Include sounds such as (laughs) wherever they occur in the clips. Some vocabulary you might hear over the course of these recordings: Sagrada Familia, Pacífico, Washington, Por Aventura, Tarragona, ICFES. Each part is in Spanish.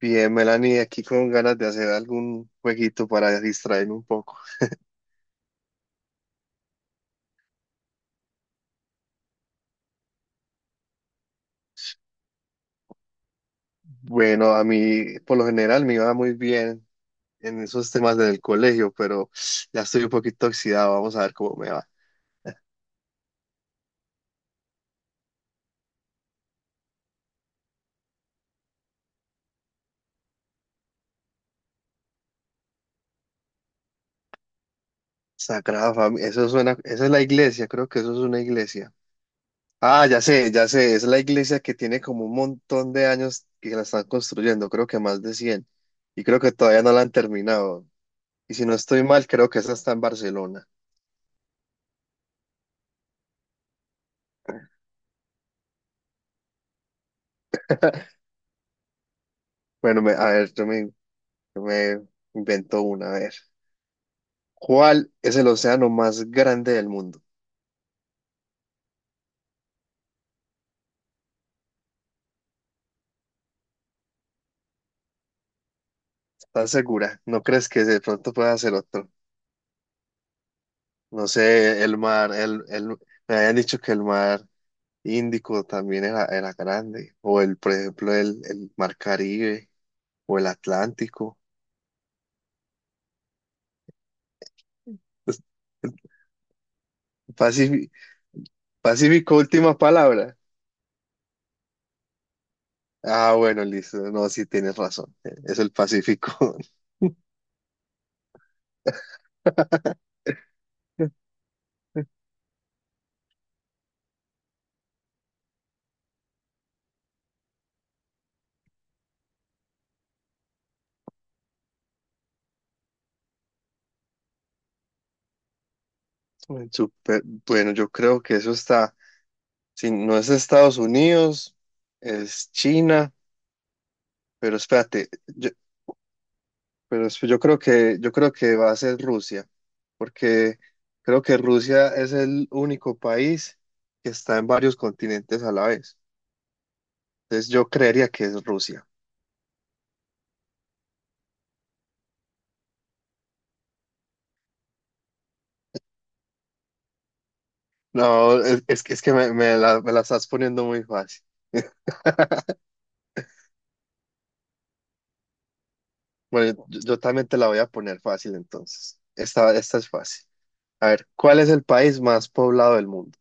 Bien, Melanie, aquí con ganas de hacer algún jueguito para distraerme un poco. Bueno, a mí por lo general me iba muy bien en esos temas del colegio, pero ya estoy un poquito oxidado, vamos a ver cómo me va. Sagrada Familia, eso suena, esa es la iglesia, creo que eso es una iglesia. Ah, ya sé, es la iglesia que tiene como un montón de años que la están construyendo, creo que más de 100 y creo que todavía no la han terminado. Y si no estoy mal, creo que esa está en Barcelona. Bueno, a ver, yo me invento una, a ver. ¿Cuál es el océano más grande del mundo? ¿Estás segura? ¿No crees que de pronto pueda ser otro? No sé, el mar, me habían dicho que el mar Índico también era grande, o el, por ejemplo, el mar Caribe, o el Atlántico. Pacífico, Pacífico, última palabra. Ah, bueno, listo. No, sí tienes razón. Es el Pacífico. (laughs) Súper. Bueno, yo creo que eso está. Si no es Estados Unidos, es China. Pero espérate, yo, yo creo que va a ser Rusia, porque creo que Rusia es el único país que está en varios continentes a la vez. Entonces yo creería que es Rusia. No, es que me, me la estás poniendo muy fácil. (laughs) Bueno, yo también te la voy a poner fácil entonces. Esta es fácil. A ver, ¿cuál es el país más poblado del mundo?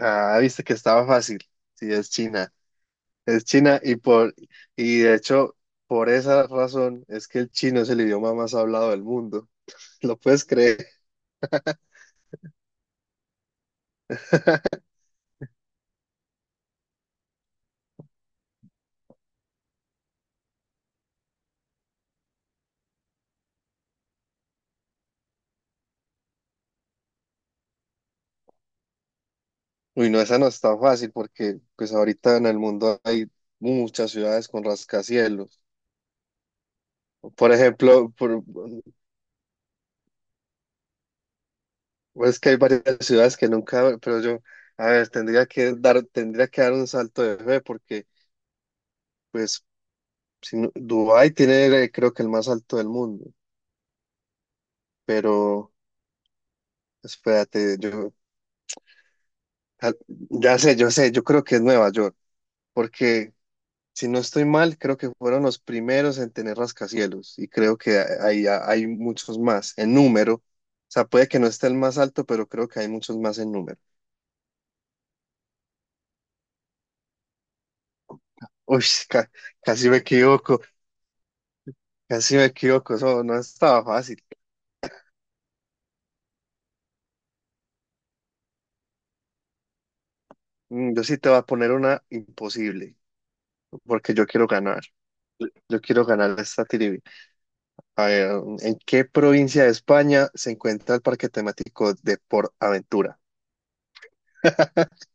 Ah, viste que estaba fácil. Sí, es China. Es China y de hecho, por esa razón es que el chino es el idioma más hablado del mundo. (laughs) ¿Lo puedes creer? (laughs) Uy, no, esa no es tan fácil porque pues ahorita en el mundo hay muchas ciudades con rascacielos. Por ejemplo, por- Pues que hay varias ciudades que nunca, pero yo, a ver, tendría que dar un salto de fe porque, pues, si Dubái tiene, creo que el más alto del mundo, pero espérate, yo, ah, ya sé, yo creo que es Nueva York, porque si no estoy mal, creo que fueron los primeros en tener rascacielos y creo que hay muchos más en número, o sea, puede que no esté el más alto, pero creo que hay muchos más en número. Uy, ca- casi me equivoco. Casi si me equivoco, eso no estaba fácil. Yo sí te voy a poner una imposible, porque yo quiero ganar. Yo quiero ganar esta trivia. A ver, ¿en qué provincia de España se encuentra el parque temático de Por Aventura? (laughs)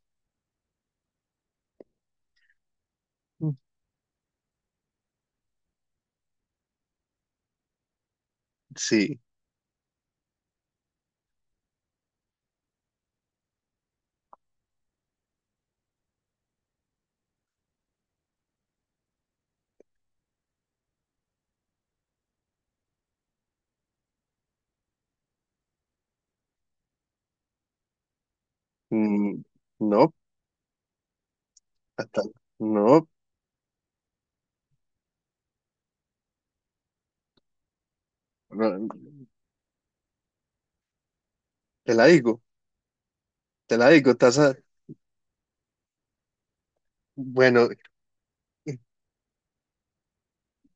Sí, Mm, no, hasta- no, no, te la digo, te la digo, taza. Bueno,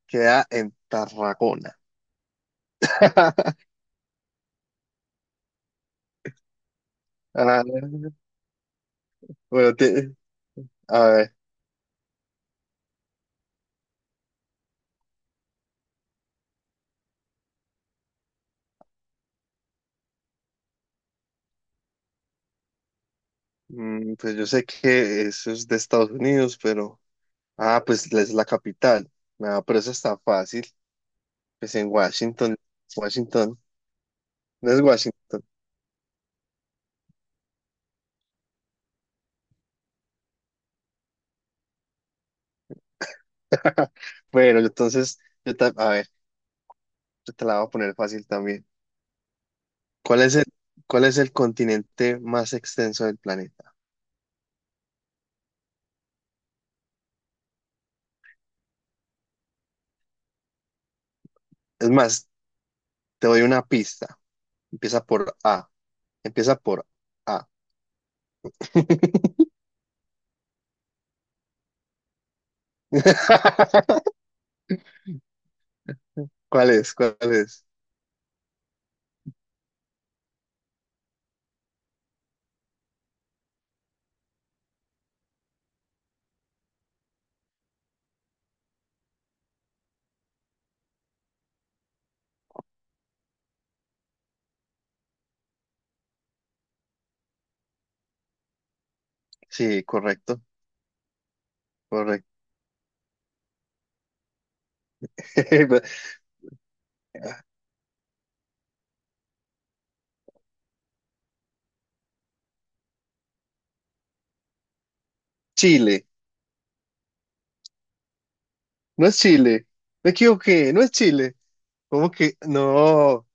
queda en Tarragona. (laughs) Ah, bueno, a ver. Mm, pues yo sé que eso es de Estados Unidos, pero... Ah, pues es la capital. No, pero eso está fácil. Pues en Washington. Washington. No es Washington. (laughs) Bueno, entonces, a ver, yo te la voy a poner fácil también. ¿Cuál es el, ¿cuál es el continente más extenso del planeta? Es más, te doy una pista. Empieza por A. Empieza por A. (laughs) ¿Cuál es? ¿Cuál es? Sí, correcto, correcto. (laughs) Chile. No es Chile. Me equivoqué, no es Chile. ¿Cómo que? No.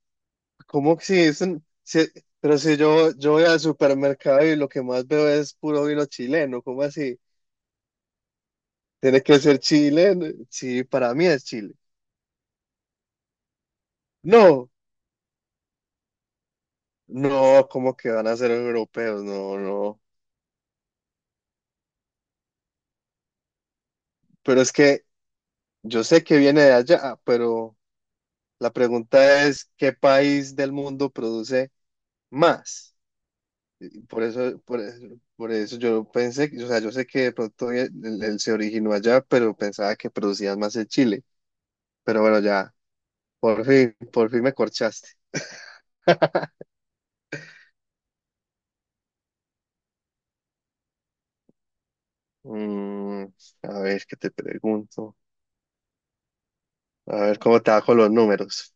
¿Cómo que si es un- si- pero si yo, yo voy al supermercado y lo que más veo es puro vino chileno, ¿cómo así? Tiene que ser chileno. Sí, para mí es Chile. No, no, ¿cómo que van a ser europeos? No, no. Pero es que yo sé que viene de allá, pero la pregunta es, ¿qué país del mundo produce más? Por eso, por, por eso yo pensé, o sea, yo sé que de pronto se originó allá, pero pensaba que producían más en Chile. Pero bueno, ya, por fin me corchaste. Mm, a ver, ¿qué te pregunto? A ver, ¿cómo te bajo los números?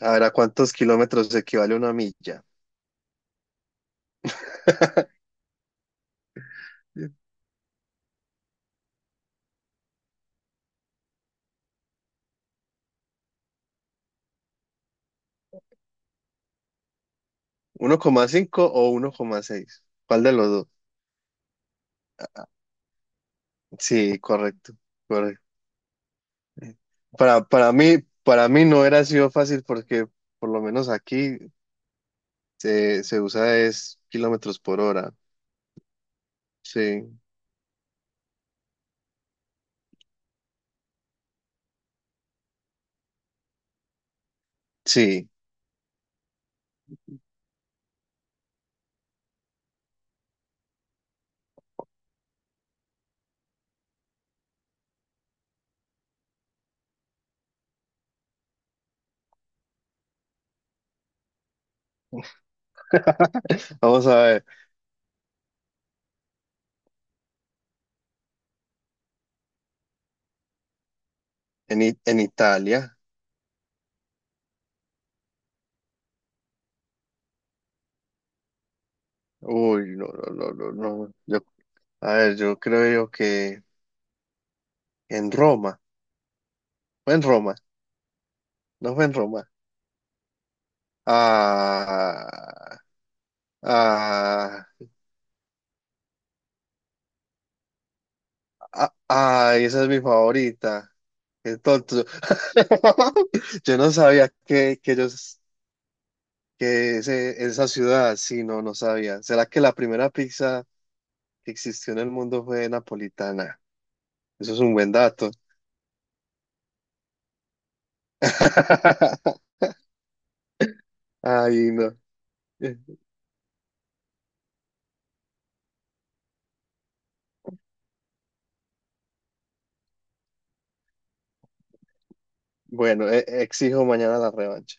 A ver, ¿a cuántos kilómetros equivale una milla? (laughs) ¿1,5 o 1,6? ¿Cuál de los dos? Sí, correcto, correcto. Para mí no era sido fácil porque por lo menos aquí se usa es kilómetros por hora. Sí, sí. Vamos a ver, en, en Italia. Uy, no, no, no, no, no. Yo, a ver, yo creo yo que en Roma. Fue en Roma, no fue en Roma. Ah, ah, ah, ay, esa es mi favorita. Qué tonto. (laughs) Yo no sabía que ellos, esa ciudad, sí, no, no sabía. ¿Será que la primera pizza que existió en el mundo fue napolitana? Eso es un buen dato. (laughs) Ay, no. Bueno, exijo mañana la revancha.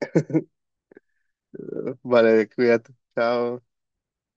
(laughs) Vale, cuídate. Chao.